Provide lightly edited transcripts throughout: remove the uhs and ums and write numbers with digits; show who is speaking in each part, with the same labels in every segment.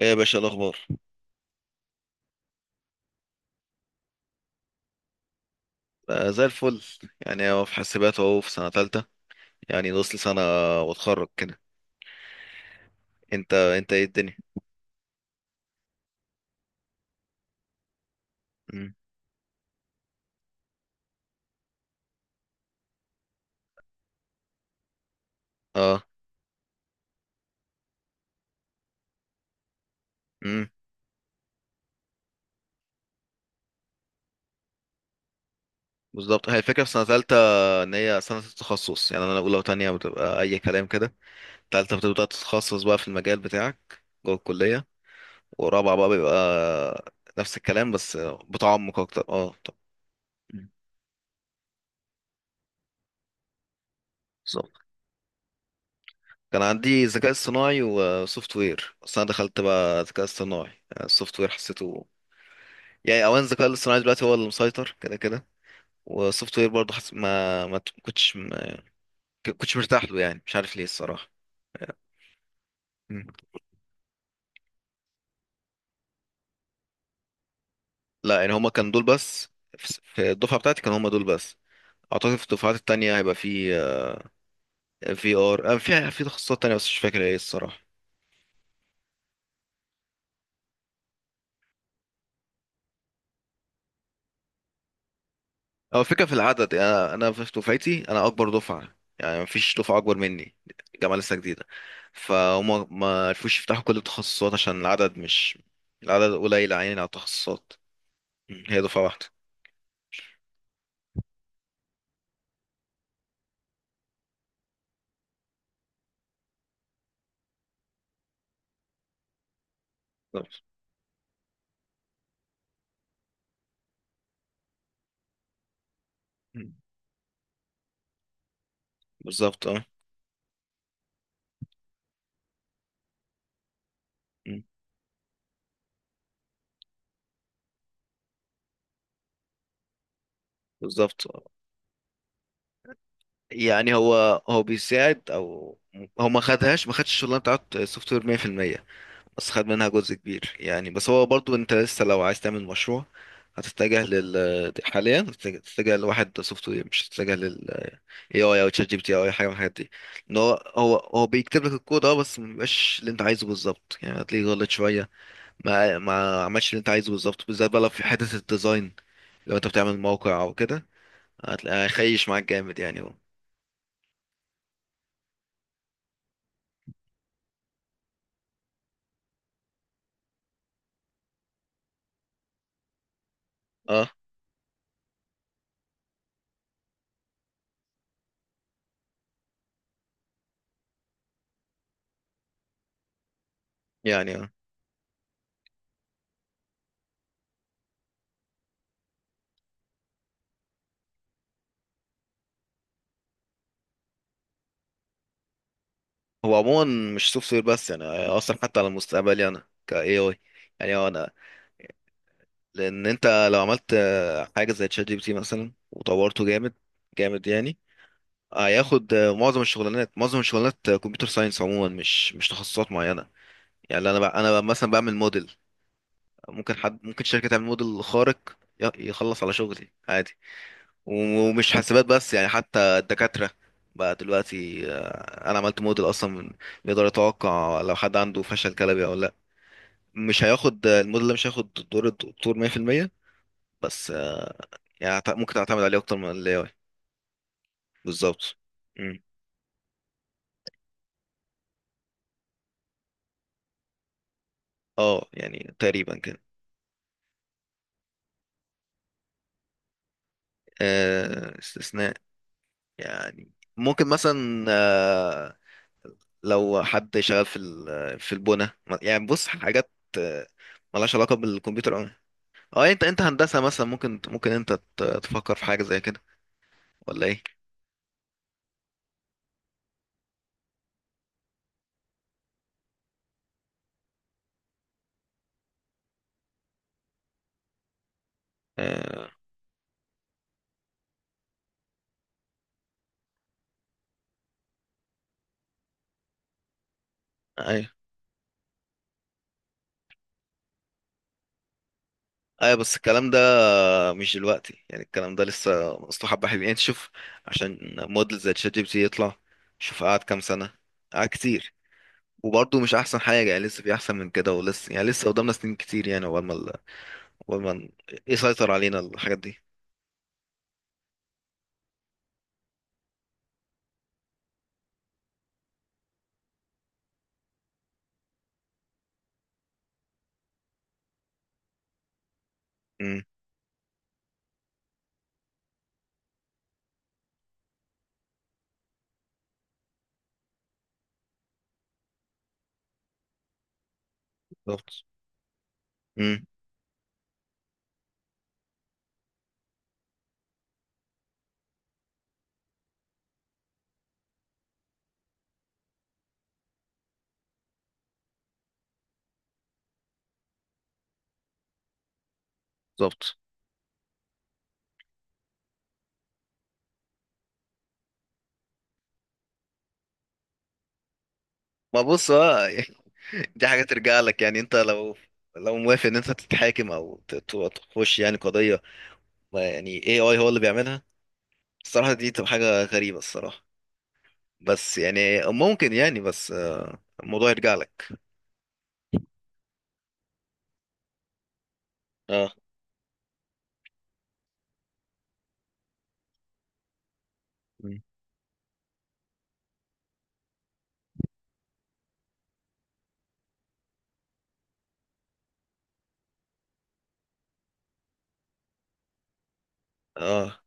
Speaker 1: ايه يا باشا الاخبار؟ آه، زي الفل. يعني هو في حاسبات اهو، في سنه ثالثه، يعني نص سنه واتخرج كده. انت ايه الدنيا؟ مم. اه. امم بالظبط، هي الفكره في سنه ثالثه، ان هي سنه التخصص، يعني انا اولى وتانية بتبقى اي كلام كده. ثالثه بتبدا تتخصص بقى في المجال بتاعك جوه الكليه، ورابعه بقى بيبقى نفس الكلام بس بتعمق اكتر. اه طب. مم. بالظبط، كان عندي ذكاء اصطناعي وسوفت وير، بس انا دخلت بقى ذكاء اصطناعي. يعني السوفت وير حسيته، يعني اولا الذكاء الاصطناعي دلوقتي هو اللي مسيطر كده كده، والسوفت وير برضه حس... ما ما ت- كنتش ما كنتش مرتاح له، يعني مش عارف ليه الصراحه. مم. لا، يعني هما كانوا دول بس. في الدفعه بتاعتي كانوا هما دول بس، اعتقد في الدفعات التانية هيبقى في في ار في في تخصصات تانية بس مش فاكر ايه الصراحه. هو الفكره في العدد، يعني انا في دفعتي، انا اكبر دفعه، يعني مفيش دفعه اكبر مني، الجامعه لسه جديده، فهم ما عرفوش يفتحوا كل التخصصات عشان العدد مش، العدد قليل عيني على التخصصات. مم، هي دفعه واحده. مم. بالظبط اه. مم. بالظبط آه. يعني هو بيساعد، او هو ما خدش الشغلانه بتاعت السوفت وير 100%، بس خد منها جزء كبير يعني. بس هو برضو، انت لسه لو عايز تعمل مشروع هتتجه لل... حاليا هتتجه لواحد سوفت وير، مش هتتجه لل اي اي او تشات جي بي تي او اي حاجه من الحاجات دي. ان هو بيكتب لك الكود اه، بس ما بيبقاش اللي انت عايزه بالظبط، يعني هتلاقيه غلط شويه. ما عملش اللي انت عايزه بالظبط، بالذات بقى لو في حته الديزاين، لو انت بتعمل موقع او كده هتلاقيه هيخيش معاك جامد يعني هو. اه يعني اه، هو عموما مش سوفت وير بس يعني، اصلا حتى على مستقبلي انا ك AI. يعني هو انا، لان انت لو عملت حاجه زي تشات جي بي تي مثلا وطورته جامد جامد يعني، هياخد معظم الشغلانات، معظم الشغلانات كمبيوتر ساينس عموما، مش تخصصات معينه. يعني انا بقى مثلا بعمل موديل، ممكن حد، ممكن شركه تعمل موديل خارق يخلص على شغلي عادي. ومش حاسبات بس يعني، حتى الدكاترة بقى دلوقتي، انا عملت موديل اصلا يقدر يتوقع لو حد عنده فشل كلوي او لا، مش هياخد، الموديل ده مش هياخد دور الدكتور 100%. بس يعني هت- ممكن تعتمد عليه اكتر من الاي اي. بالظبط. مم. اه يعني تقريبا كده. استثناء، يعني ممكن مثلا، لو حد شغال في ال- في البنى، يعني بص حاجات آه، ملهاش علاقة بالكمبيوتر. اه، انت هندسة مثلا، ممكن انت تفكر في حاجة زي كده، ولا ايه؟ آه ايوه، ايوه، بس الكلام ده مش دلوقتي، يعني الكلام ده لسه، اصله حبة حلوين يعني. شوف، عشان موديل زي تشات جي بي تي يطلع، شوف قعد كام سنة، قعد كتير، وبرضه مش احسن حاجة، يعني لسه في احسن من كده، ولسه يعني لسه قدامنا سنين كتير يعني، عقبال ما ال- عقبال ما ن- يسيطر علينا الحاجات دي. امم بالظبط. امم بالظبط. ما بص، اه دي حاجة ترجع لك، يعني انت لو موافق ان انت تتحاكم او تخش يعني قضية، ما يعني اي اي هو اللي بيعملها. الصراحة دي تبقى حاجة غريبة الصراحة، بس يعني، ممكن يعني، بس الموضوع يرجع لك. اه. مم. اه.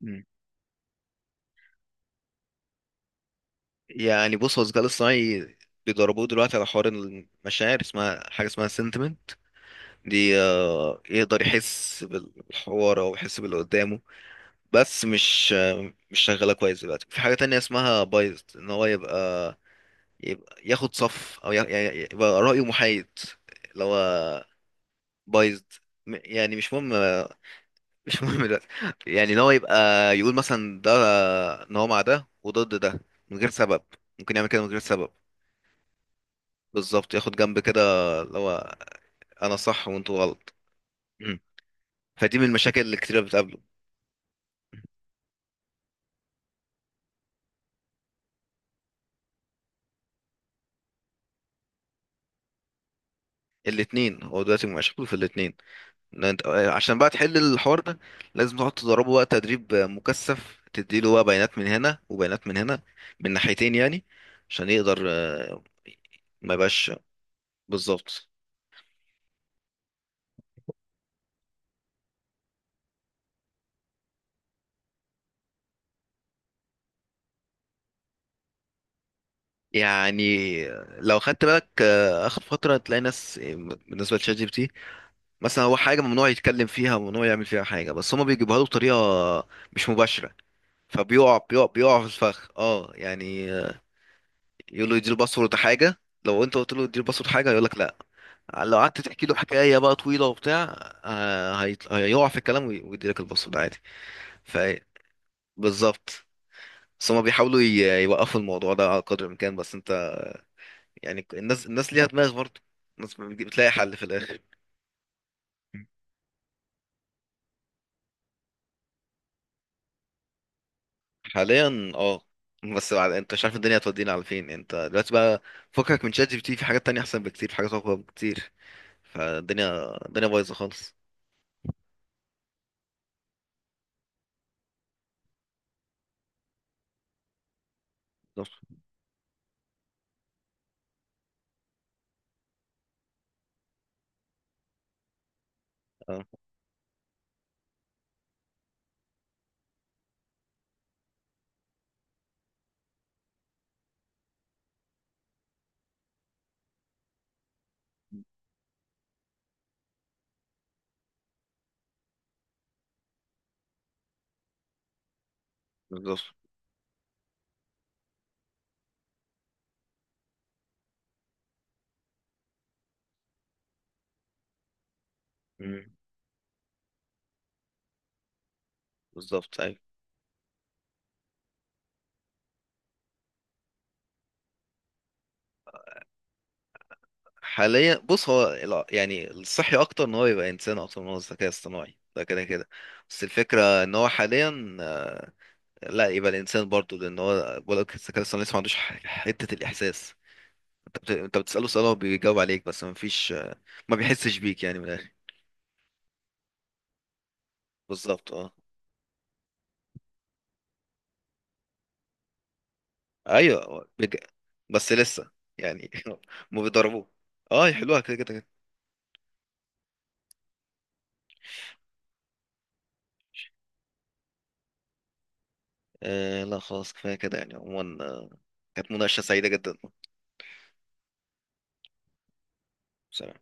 Speaker 1: مم. يعني بص، هو الذكاء الاصطناعي بيدربوه دلوقتي على حوار المشاعر، اسمها حاجة اسمها sentiment، دي يقدر يحس بالحوار او يحس باللي قدامه. بس مش شغاله كويس دلوقتي، في حاجه تانية اسمها بايظت، ان هو يبقى يبقى ياخد صف، او يعني يبقى رايه محايد، اللي هو بايظ، يعني مش مهم. مش مهم دلوقتي. يعني ان هو يبقى يقول مثلا ده، ان هو مع ده وضد ده من غير سبب، ممكن يعمل كده من غير سبب. بالظبط، ياخد جنب كده، اللي هو انا صح وانتوا غلط. مم. فدي من المشاكل اللي كتير بتقابله. الاتنين، هو دلوقتي مشاكله في الاتنين. عشان بقى تحل الحوار ده لازم تقعد تدربه بقى تدريب مكثف، تديله بقى بيانات من هنا وبيانات من هنا، من ناحيتين يعني، عشان يقدر ما يبقاش. بالظبط. يعني لو خدت بالك اخر فتره تلاقي ناس، بالنسبه لشات جي بي تي مثلا، هو حاجه ممنوع يتكلم فيها وممنوع يعمل فيها حاجه، بس هما بيجيبوها له بطريقه مش مباشره. فبيقع، بيقع في الفخ اه يعني. يقول له يدي الباسورد حاجه، لو انت قلت له ادي الباسورد حاجه هيقول لك لا، لو قعدت تحكي له حكايه بقى طويله وبتاع، هيط- هيقع في الكلام ويدي لك الباسورد عادي. ف بالظبط. بس هما بيحاولوا يوقفوا الموضوع ده على قدر الامكان، بس انت، يعني الناس ليها دماغ برضه، الناس بتجي- بتلاقي حل في الاخر. حاليا اه. بس بعد، انت مش عارف الدنيا هتودينا على فين انت دلوقتي بقى، فكك من شات جي بي تي، في حاجات تانية احسن بكتير، في حاجات اقوى بكتير. فالدنيا الدنيا بايظه خالص. بالظبط اه. بالظبط. بالظبط ايوه. حاليا بص، هو الع- يعني الصحي اكتر ان هو يبقى انسان اكتر من هو الذكاء الصناعي، ده كده كده. بس الفكره ان هو حاليا لا يبقى الانسان برضه، لان هو بقولك الذكاء الصناعي لسه ما عندوش ح- حته الاحساس. انت بتساله سؤال هو بيجاوب عليك، بس ما فيش، ما بيحسش بيك يعني من الاخر. بالظبط اه. ايوه هو بيج... بس لسه يعني. ما بيضربوه، اه يحلوها كده كده كده. آه لا، خلاص كفايه كده يعني، عموما كانت مناقشه سعيده جدا. سلام.